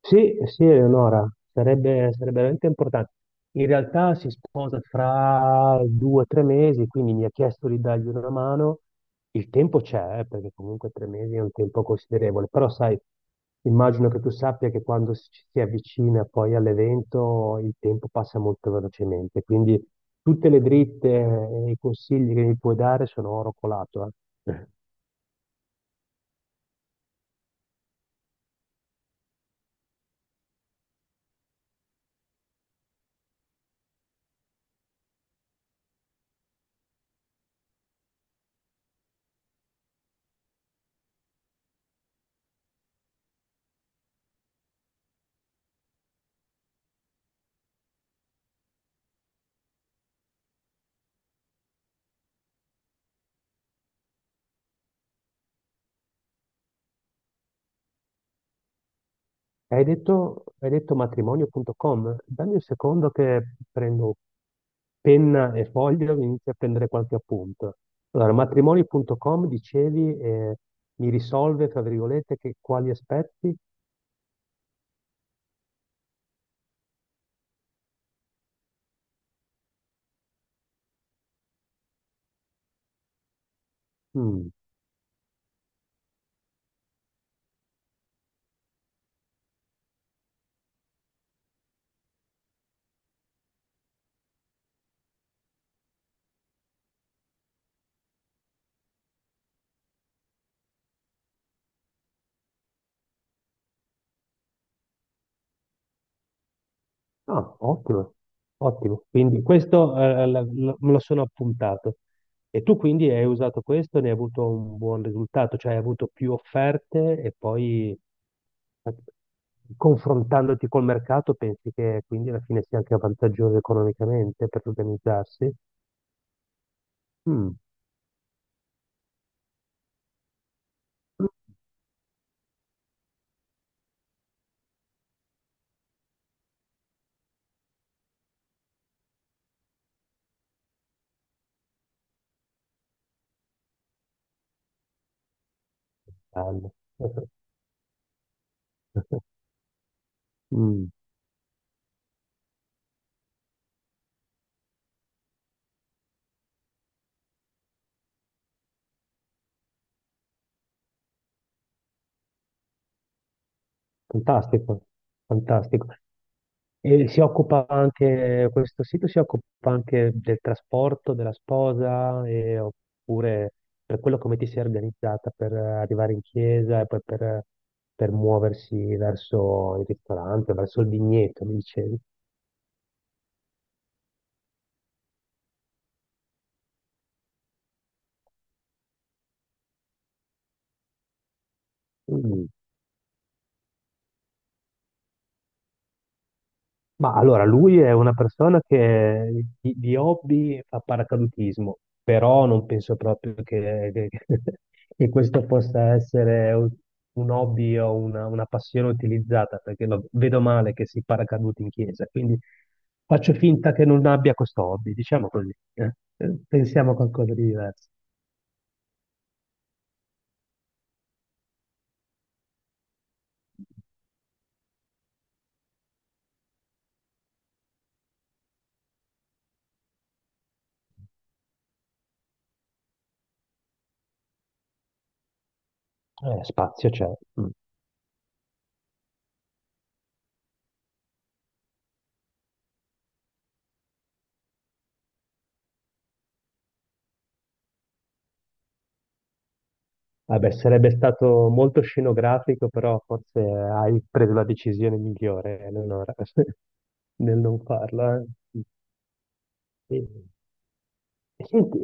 Sì, sì, Eleonora, sarebbe veramente importante. In realtà si sposa fra 2 o 3 mesi, quindi mi ha chiesto di dargli una mano. Il tempo c'è, perché comunque 3 mesi è un tempo considerevole, però sai, immagino che tu sappia che quando ci si avvicina poi all'evento il tempo passa molto velocemente, quindi tutte le dritte e i consigli che mi puoi dare sono oro colato, eh. Hai detto matrimonio.com? Dammi un secondo che prendo penna e foglio e inizio a prendere qualche appunto. Allora, matrimonio.com dicevi mi risolve, tra virgolette, quali aspetti? Mm. Ah, ottimo, ottimo. Quindi questo me lo sono appuntato. E tu quindi hai usato questo e ne hai avuto un buon risultato, cioè hai avuto più offerte e poi eh, confrontandoti col mercato pensi che quindi alla fine sia anche vantaggioso economicamente per organizzarsi? Mm. Bello. Mm, Fantastico, fantastico. E si occupa anche, questo sito si occupa anche del trasporto della sposa, oppure per quello come ti sei organizzata per arrivare in chiesa e poi per muoversi verso il ristorante, verso il vigneto, mi dicevi. Mm. Ma allora, lui è una persona che di hobby fa paracadutismo, però non penso proprio che questo possa essere un hobby o una passione utilizzata, perché lo vedo male che si paracaduti in chiesa, quindi faccio finta che non abbia questo hobby, diciamo così. Pensiamo a qualcosa di diverso. Spazio c'è. Mm. Vabbè, sarebbe stato molto scenografico, però forse hai preso la decisione migliore, Eleonora, nel non farla. eh. E- e senti,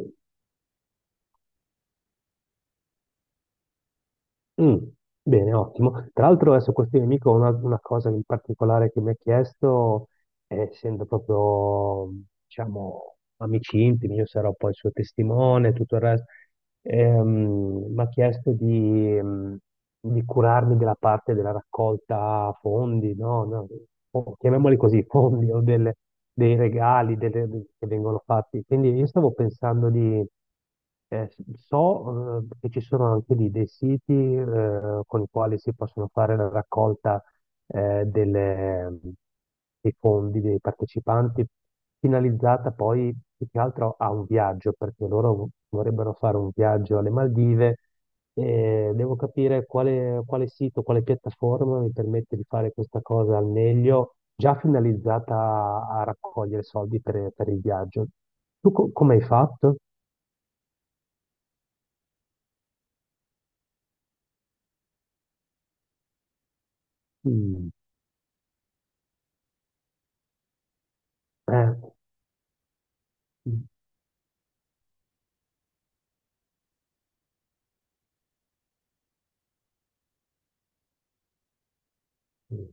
mm, bene, ottimo. Tra l'altro adesso questo nemico ha una cosa in particolare che mi ha chiesto, essendo proprio, diciamo, amici intimi, io sarò poi il suo testimone, e tutto il resto, mi ha chiesto di curarmi della parte della raccolta fondi, no, no, chiamiamoli così, fondi o dei regali che vengono fatti. Quindi io stavo pensando di. Eh, so, che ci sono anche lì dei siti, con i quali si possono fare la raccolta eh, delle- dei fondi dei partecipanti, finalizzata poi più che altro a un viaggio, perché loro vorrebbero fare un viaggio alle Maldive e devo capire quale sito, quale piattaforma mi permette di fare questa cosa al meglio, già finalizzata a raccogliere soldi per il viaggio. Tu come hai fatto? Mm, eh, mm, mm,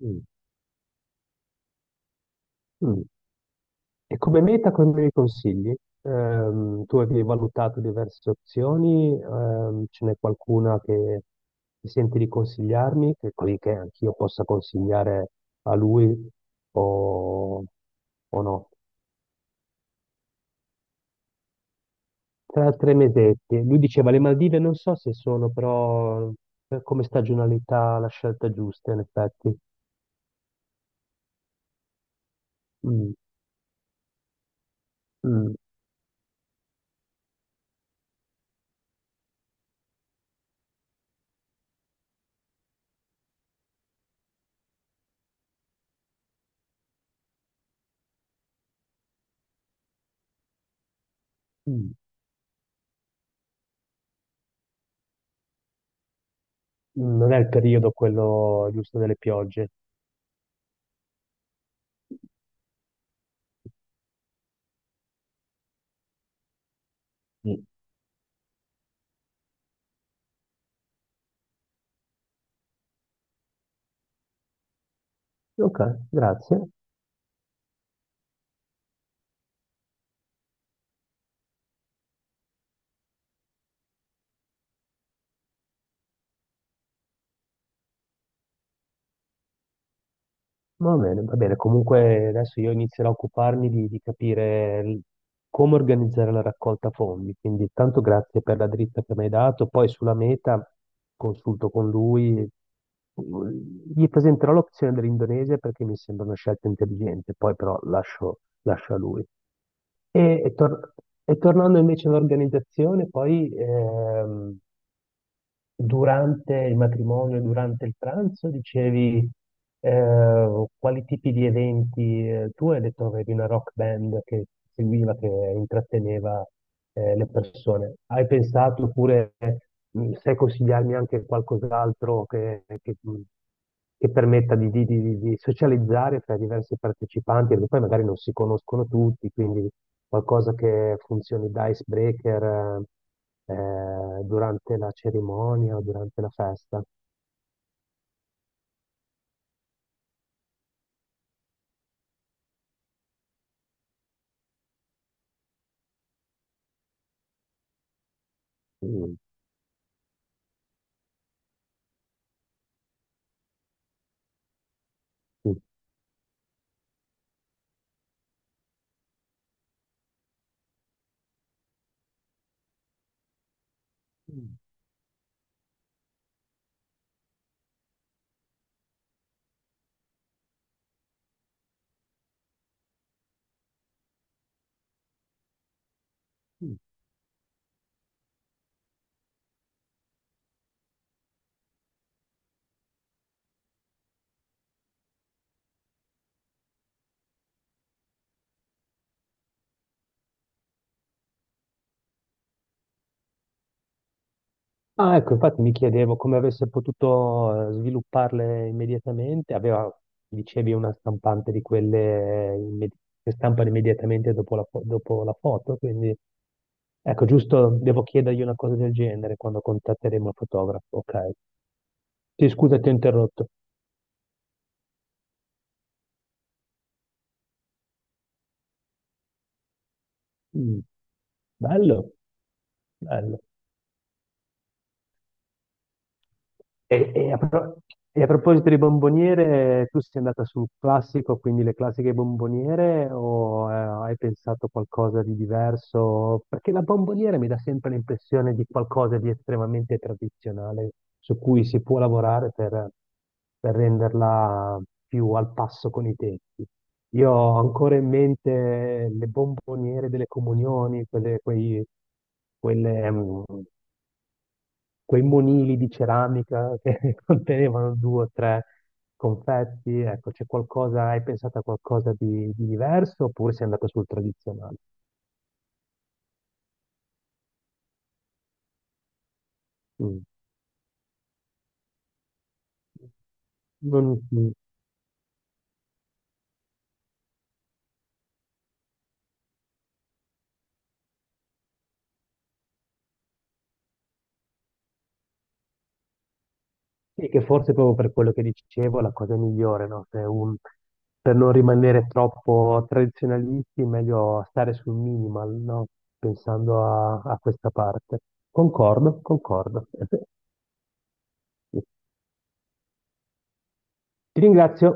mm, mm. E come meta come mi consigli? Tu avevi valutato diverse opzioni, ce n'è qualcuna che ti senti di consigliarmi, che così che anch'io possa consigliare a lui o, o no? Tra 3 mesetti, lui diceva le Maldive non so se sono però come stagionalità la scelta giusta in effetti. Mm, mm, mm. Mm. Non è il periodo quello giusto delle piogge. Mm. Ok, grazie. Va bene, va bene. Comunque adesso io inizierò a occuparmi di capire come organizzare la raccolta fondi. Quindi tanto grazie per la dritta che mi hai dato. Poi sulla meta consulto con lui. Gli presenterò l'opzione dell'Indonesia perché mi sembra una scelta intelligente. Poi però lascio a lui. E, e tor- e tornando invece all'organizzazione, poi durante il matrimonio, durante il pranzo, dicevi quali tipi di eventi, tu hai detto che avevi una rock band che seguiva, che intratteneva le persone. Hai pensato oppure sai consigliarmi anche qualcos'altro che permetta di socializzare fra i diversi partecipanti, perché poi magari non si conoscono tutti, quindi qualcosa che funzioni da icebreaker durante la cerimonia o durante la festa. Mm, mm. Ah, ecco, infatti mi chiedevo come avesse potuto svilupparle immediatamente. Aveva, dicevi, una stampante di quelle che stampano immediatamente dopo la foto, quindi ecco, giusto, devo chiedergli una cosa del genere quando contatteremo il fotografo. Ok. Sì, scusa, ti ho interrotto. Mm, Bello, bello. E, e a, pro- e a proposito di bomboniere, tu sei andata sul classico, quindi le classiche bomboniere, o hai pensato qualcosa di diverso? Perché la bomboniera mi dà sempre l'impressione di qualcosa di estremamente tradizionale, su cui si può lavorare per renderla più al passo con i tempi. Io ho ancora in mente le bomboniere delle comunioni, quelle, quei, quelle, mm, quei monili di ceramica che contenevano due o tre confetti, ecco, c'è qualcosa, hai pensato a qualcosa di diverso oppure sei andato sul tradizionale? Mm. Non- mm. Sì, che forse proprio per quello che dicevo è la cosa migliore, no? Se un- per non rimanere troppo tradizionalisti, meglio stare sul minimal, no? Pensando a questa parte. Concordo, concordo. Ti ringrazio.